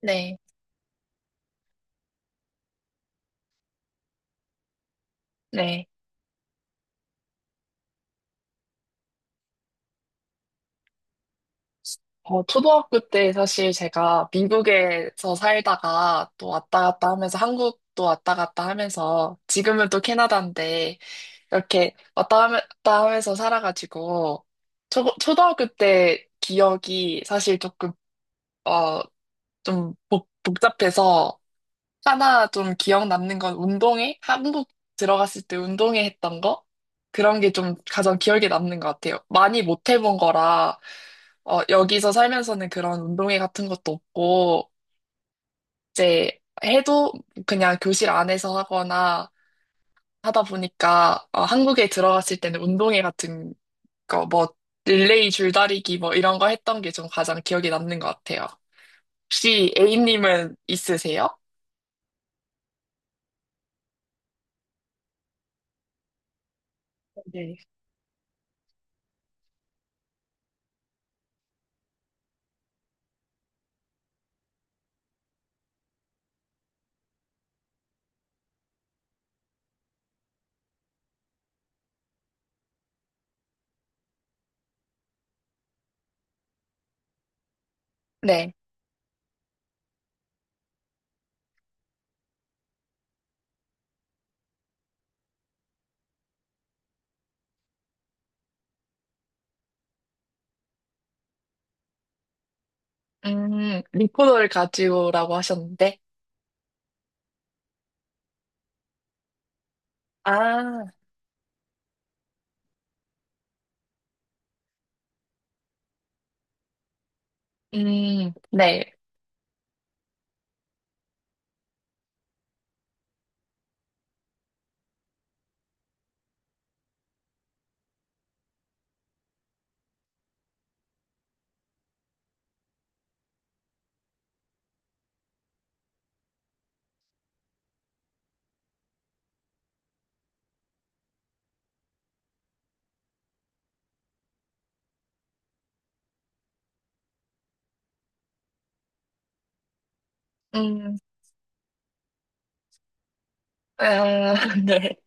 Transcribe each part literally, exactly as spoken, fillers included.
네, 네, 어, 초등학교 때 사실 제가 미국에서 살다가 또 왔다 갔다 하면서 한국도 왔다 갔다 하면서 지금은 또 캐나다인데 이렇게 왔다 하면- 갔다 하면서 살아가지고 초, 초등학교 때 기억이 사실 조금, 어, 좀 복, 복잡해서 하나 좀 기억 남는 건 운동회? 한국 들어갔을 때 운동회 했던 거? 그런 게 좀 가장 기억에 남는 것 같아요. 많이 못 해본 거라, 어, 여기서 살면서는 그런 운동회 같은 것도 없고, 이제 해도 그냥 교실 안에서 하거나 하다 보니까, 어, 한국에 들어갔을 때는 운동회 같은 거, 뭐, 릴레이 줄다리기 뭐 이런 거 했던 게 좀 가장 기억에 남는 것 같아요. 혹시 A님은 있으세요? 네. 네. 음, 리포더를 가지고라고 하셨는데, 아, 음, 네, 음, 아, 네,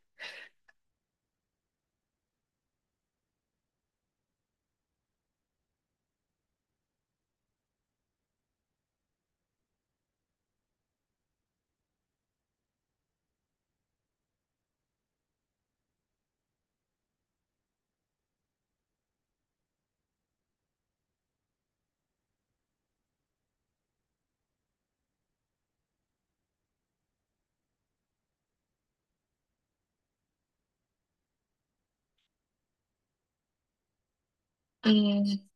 음,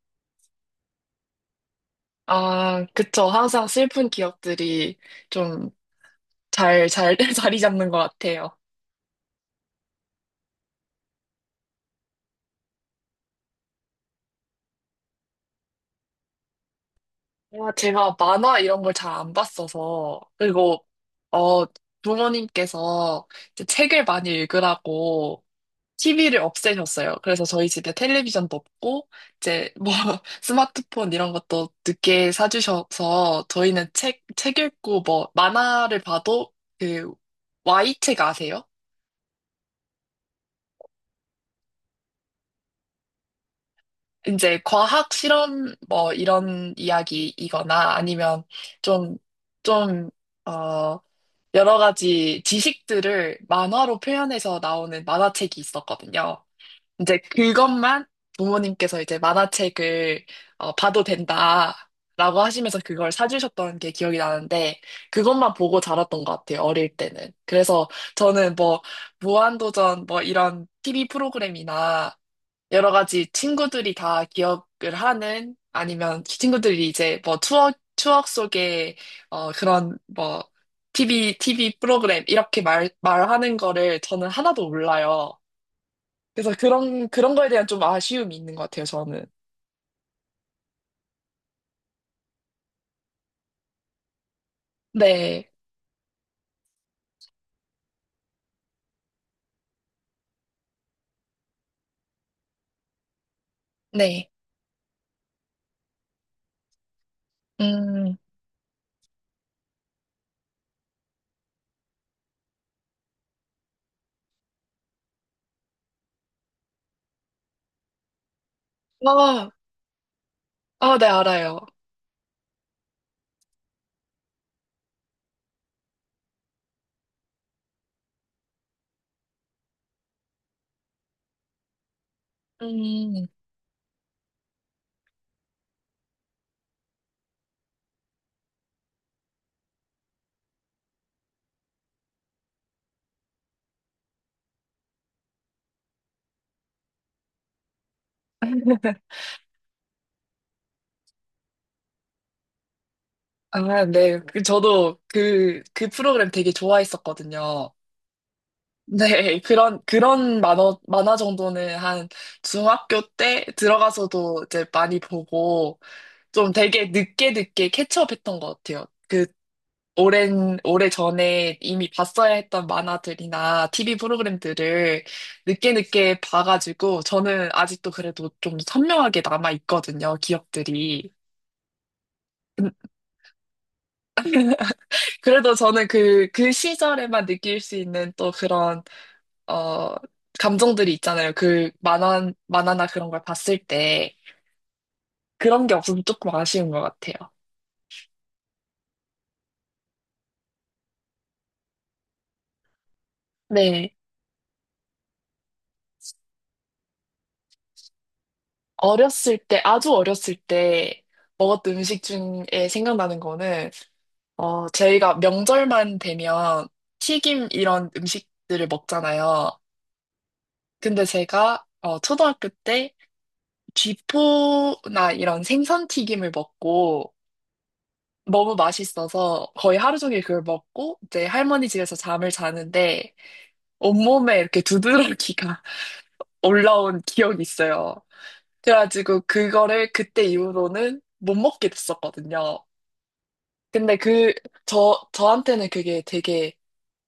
아, 그쵸. 항상 슬픈 기억들이 좀 잘, 잘, 자리 잡는 것 같아요. 아, 제가 만화 이런 걸 잘 안 봤어서, 그리고, 어, 부모님께서 이제 책을 많이 읽으라고 티비를 없애셨어요. 그래서 저희 집에 텔레비전도 없고, 이제 뭐 스마트폰 이런 것도 늦게 사주셔서 저희는 책, 책 읽고 뭐 만화를 봐도 그 Y책 아세요? 이제 과학 실험 뭐 이런 이야기이거나 아니면 좀, 좀, 어, 여러 가지 지식들을 만화로 표현해서 나오는 만화책이 있었거든요. 이제 그것만 부모님께서 이제 만화책을 어, 봐도 된다라고 하시면서 그걸 사주셨던 게 기억이 나는데 그것만 보고 자랐던 것 같아요 어릴 때는. 그래서 저는 뭐 무한도전 뭐 이런 티비 프로그램이나 여러 가지 친구들이 다 기억을 하는, 아니면 친구들이 이제 뭐 추억 추억 속에 어, 그런 뭐 티비 티비 프로그램 이렇게 말 말하는 거를 저는 하나도 몰라요. 그래서 그런, 그런 거에 대한 좀 아쉬움이 있는 것 같아요, 저는. 네, 네. 음, 아, 아, 네, 알아요. 음, 아, 네. 그 저도 그, 그 프로그램 되게 좋아했었거든요. 네, 그런, 그런 만화, 만화 정도는 한 중학교 때 들어가서도 이제 많이 보고 좀 되게 늦게 늦게 캐치업했던 것 같아요. 그 오랜, 오래 전에 이미 봤어야 했던 만화들이나 티비 프로그램들을 늦게 늦게 봐가지고 저는 아직도 그래도 좀 선명하게 남아있거든요, 기억들이. 음, 그래도 저는 그, 그 시절에만 느낄 수 있는 또 그런, 어, 감정들이 있잖아요. 그 만화, 만화나 그런 걸 봤을 때 그런 게 없으면 조금 아쉬운 것 같아요. 네. 어렸을 때, 아주 어렸을 때 먹었던 음식 중에 생각나는 거는 어, 저희가 명절만 되면 튀김 이런 음식들을 먹잖아요. 근데 제가 어, 초등학교 때 쥐포나 이런 생선 튀김을 먹고 너무 맛있어서 거의 하루 종일 그걸 먹고 이제 할머니 집에서 잠을 자는데 온몸에 이렇게 두드러기가 올라온 기억이 있어요. 그래가지고 그거를 그때 이후로는 못 먹게 됐었거든요. 근데 그, 저, 저한테는 그게 되게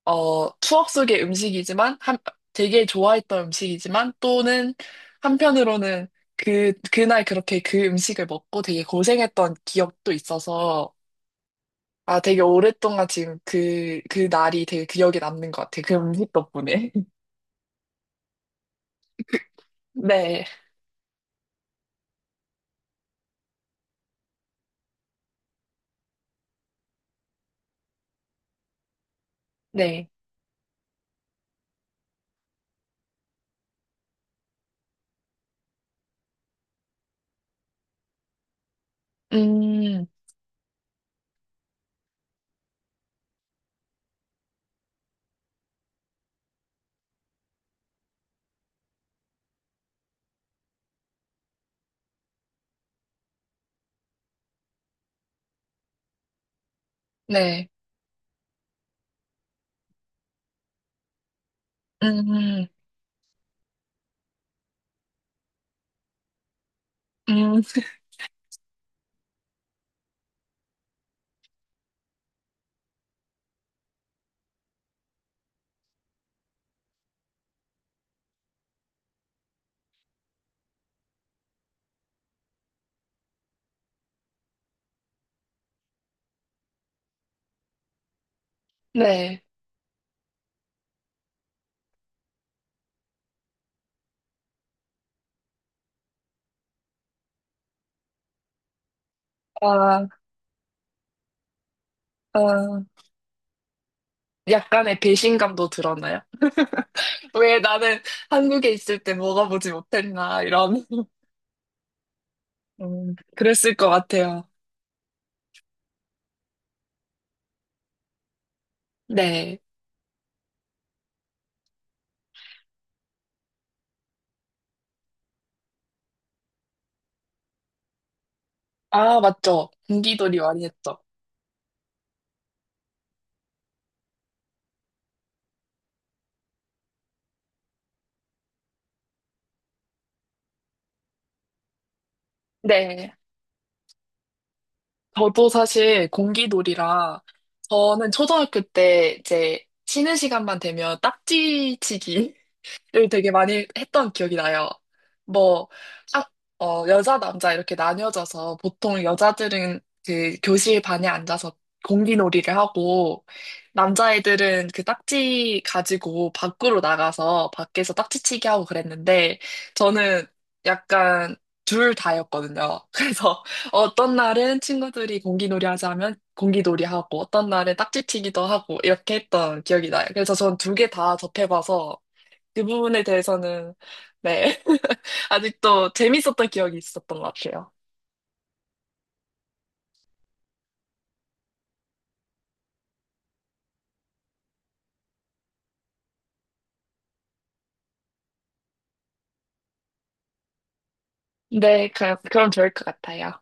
어, 추억 속의 음식이지만, 한, 되게 좋아했던 음식이지만, 또는 한편으로는 그, 그날 그렇게 그 음식을 먹고 되게 고생했던 기억도 있어서, 아, 되게 오랫동안 지금 그, 그 날이 되게 기억에 남는 것 같아요. 그 음식 덕분에. 네, 네. 음, 네. 음, 음, 네. 아, 아. 약간의 배신감도 들었나요? 왜 나는 한국에 있을 때 먹어보지 못했나, 이런. 음, 그랬을 것 같아요. 네. 아, 맞죠. 공기놀이 많이 했죠. 네. 저도 사실 공기놀이라. 저는 초등학교 때 이제 쉬는 시간만 되면 딱지치기 를 되게 많이 했던 기억이 나요. 뭐, 학, 어, 여자, 남자 이렇게 나뉘어져서 보통 여자들은 그 교실 반에 앉아서 공기놀이를 하고, 남자애들은 그 딱지 가지고 밖으로 나가서 밖에서 딱지치기 하고 그랬는데, 저는 약간 둘 다였거든요. 그래서 어떤 날은 친구들이 공기놀이 하자면 공기놀이 하고, 어떤 날은 딱지치기도 하고, 이렇게 했던 기억이 나요. 그래서 전 두 개 다 접해봐서, 그 부분에 대해서는, 네. 아직도 재밌었던 기억이 있었던 것 같아요. 네, 그, 그럼 좋을 것 같아요.